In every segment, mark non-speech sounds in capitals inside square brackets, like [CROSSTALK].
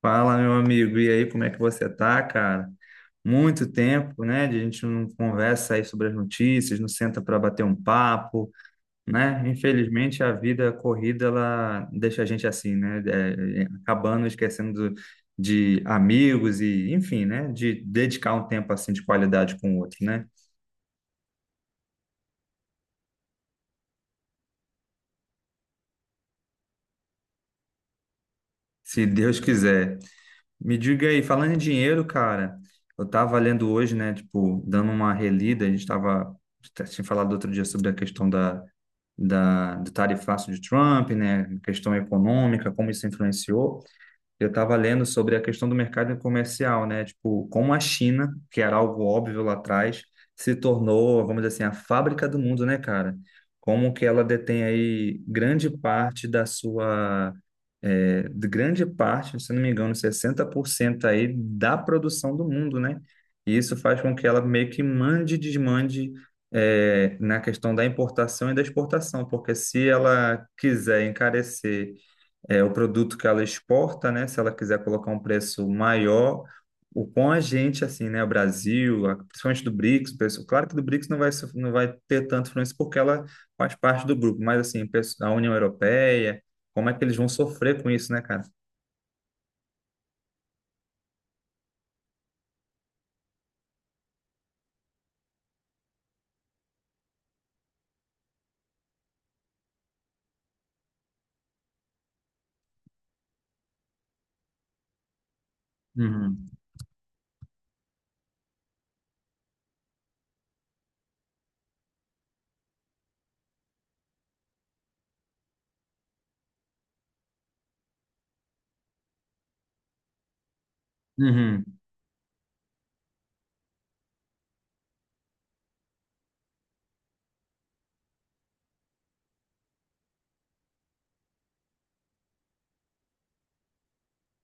Fala, meu amigo. E aí, como é que você tá, cara? Muito tempo, né? de A gente não conversa aí sobre as notícias, não senta para bater um papo, né? Infelizmente, a vida corrida, ela deixa a gente assim, né? Acabando esquecendo de amigos e, enfim, né? De dedicar um tempo assim de qualidade com o outro, né? Se Deus quiser. Me diga aí, falando em dinheiro, cara, eu tava lendo hoje, né, tipo, dando uma relida, a gente tava, tinha falado outro dia sobre a questão da, do tarifaço de Trump, né, questão econômica, como isso influenciou. Eu estava lendo sobre a questão do mercado comercial, né? Tipo, como a China, que era algo óbvio lá atrás, se tornou, vamos dizer assim, a fábrica do mundo, né, cara? Como que ela detém aí grande parte da sua, de grande parte, se não me engano, 60% aí da produção do mundo, né? E isso faz com que ela meio que mande e desmande na questão da importação e da exportação, porque se ela quiser encarecer o produto que ela exporta, né? Se ela quiser colocar um preço maior, o com a gente, assim, né? O Brasil, principalmente do BRICS, claro que do BRICS não vai, não vai ter tanto influência porque ela faz parte do grupo, mas assim, a União Europeia, como é que eles vão sofrer com isso, né, cara? Uhum. Uhum.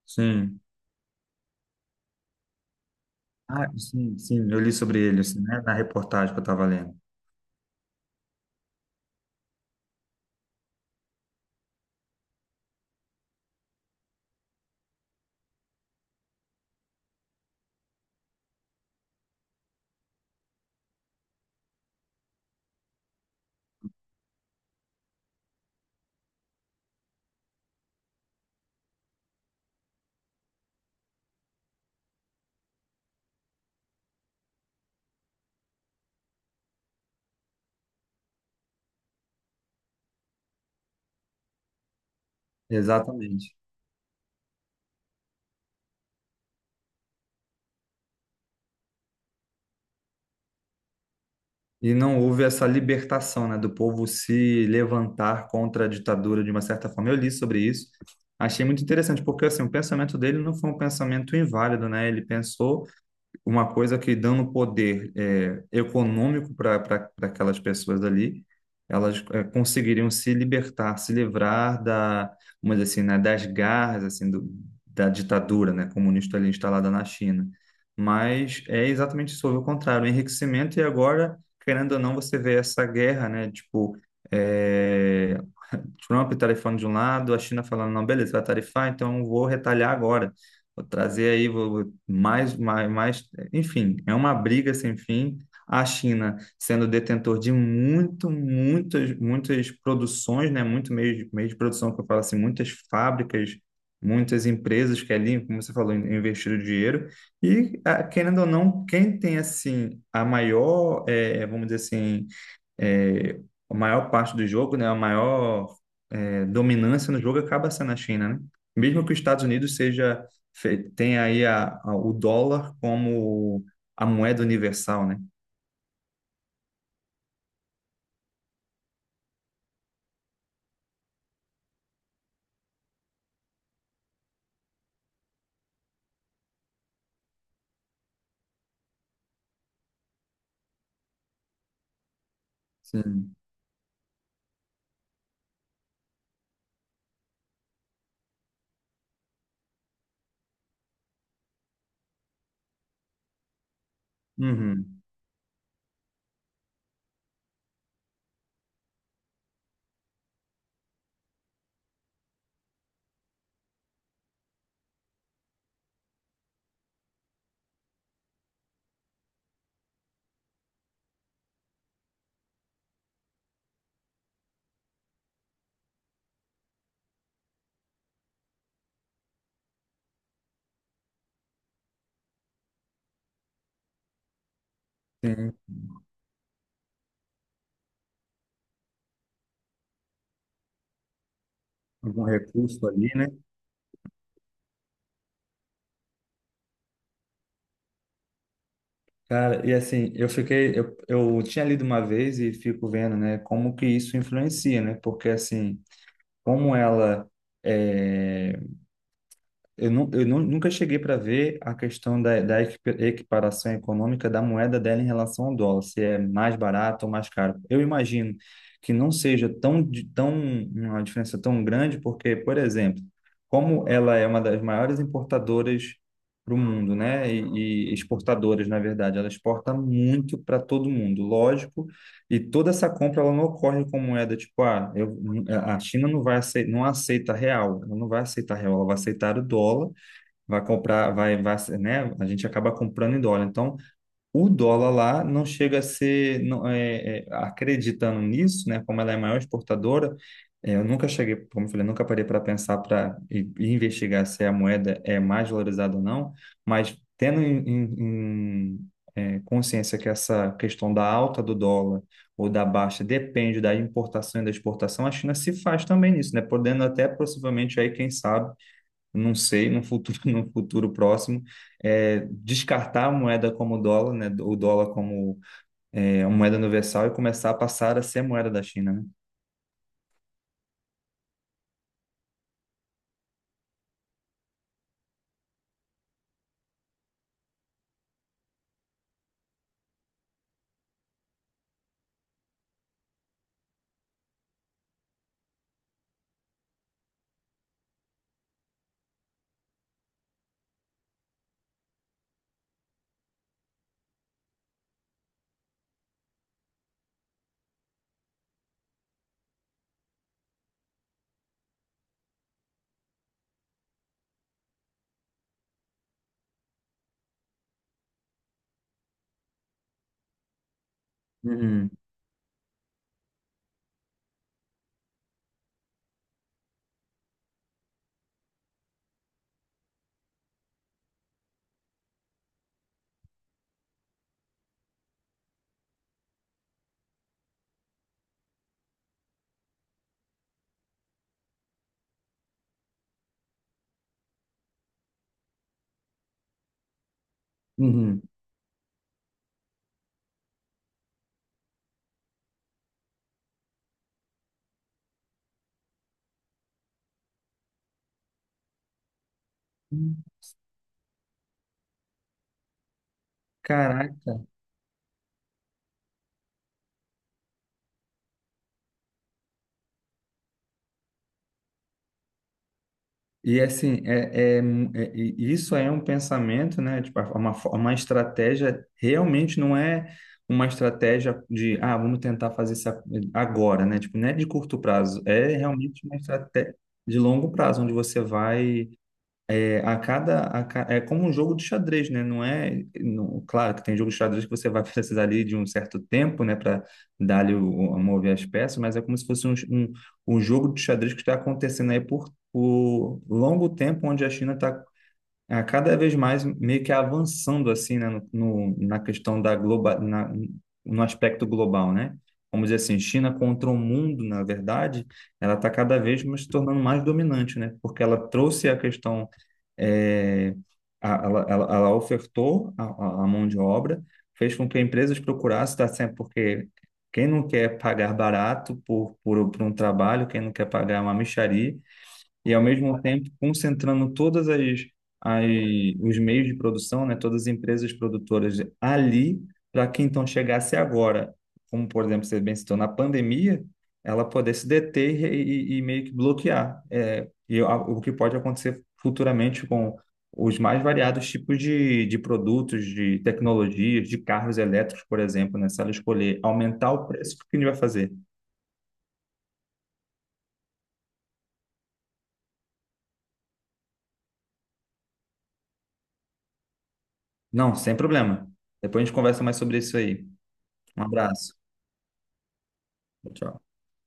Sim. Ah, sim, sim, eu li sobre ele, assim, né? Na reportagem que eu estava lendo. Exatamente. E não houve essa libertação, né, do povo se levantar contra a ditadura de uma certa forma. Eu li sobre isso, achei muito interessante, porque assim, o pensamento dele não foi um pensamento inválido, né? Ele pensou uma coisa que dando poder econômico para aquelas pessoas ali, elas conseguiriam se libertar, se livrar da, vamos dizer assim, né, das garras assim do, da ditadura, né, comunista ali instalada na China. Mas é exatamente sobre o contrário, o enriquecimento e agora, querendo ou não, você vê essa guerra, né, tipo é, Trump tarifando de um lado, a China falando, não, beleza, vai tarifar, então vou retalhar agora. Vou trazer aí vou, mais, mais, mais. Enfim, é uma briga sem fim. A China sendo detentor de muito, muitas, muitas produções, né? Muito meio, meio de produção, que eu falo assim, muitas fábricas, muitas empresas que ali, como você falou, investiram dinheiro. E, ah, querendo ou não, quem tem, assim, a maior, vamos dizer assim, é, a maior parte do jogo, né, a maior dominância no jogo acaba sendo a China, né? Mesmo que os Estados Unidos seja tenha aí o dólar como a moeda universal, né? Sim. Uhum. Tem algum recurso ali, né? Cara, e assim, eu fiquei, eu tinha lido uma vez e fico vendo, né, como que isso influencia, né? Porque assim, como ela é, Eu nunca cheguei para ver a questão da equiparação econômica da moeda dela em relação ao dólar, se é mais barato ou mais caro. Eu imagino que não seja tão, tão uma diferença tão grande, porque, por exemplo, como ela é uma das maiores importadoras para o mundo, né? E exportadoras, na verdade, ela exporta muito para todo mundo. Lógico, e toda essa compra ela não ocorre com moeda, tipo, ah, eu, a China não vai aceitar, não aceita real, ela não vai aceitar real, ela vai aceitar o dólar, vai comprar, vai, vai, né? A gente acaba comprando em dólar. Então, o dólar lá não chega a ser, não, acreditando nisso, né? Como ela é a maior exportadora, é, eu nunca cheguei, como eu falei, nunca parei para pensar para investigar se a moeda é mais valorizada ou não, mas tendo em consciência que essa questão da alta do dólar ou da baixa depende da importação e da exportação, a China se faz também nisso, né? Podendo até possivelmente aí, quem sabe não sei, no futuro, [LAUGHS] no futuro próximo, é, descartar a moeda como o dólar, né, o dólar como uma moeda universal e começar a passar a ser a moeda da China, né? Uhum, uhum. Caraca. E assim, e isso é um pensamento, né? Tipo, é uma, é uma estratégia, realmente não é uma estratégia de, ah, vamos tentar fazer isso agora, né? Tipo, não é de curto prazo, é realmente uma estratégia de longo prazo, onde você vai a cada, é como um jogo de xadrez, né? Não é, não- claro que tem jogo de xadrez que você vai [LAUGHS] precisar ali de um certo tempo, né, para dar ali o, mover as peças, mas é como se fosse um jogo de xadrez que está acontecendo aí por longo tempo, onde a China está é, cada vez mais meio que avançando assim, né, no, na questão da global, na, no aspecto global, né? Vamos dizer assim, China contra o mundo, na verdade, ela está cada vez mais se tornando mais dominante, né? Porque ela trouxe a questão, é, ela ofertou a, a mão de obra, fez com que empresas procurassem, tá sempre porque quem não quer pagar barato por um trabalho, quem não quer pagar uma mixaria, e ao mesmo tempo concentrando todas as, as os meios de produção, né, todas as empresas produtoras ali, para que então chegasse agora, como por exemplo você bem citou, na pandemia, ela poder se deter e meio que bloquear o que pode acontecer futuramente com os mais variados tipos de produtos, de tecnologias, de carros elétricos, por exemplo, né? Se ela escolher aumentar o preço, o que a gente vai fazer? Não, sem problema. Depois a gente conversa mais sobre isso aí. Um abraço. Tchau.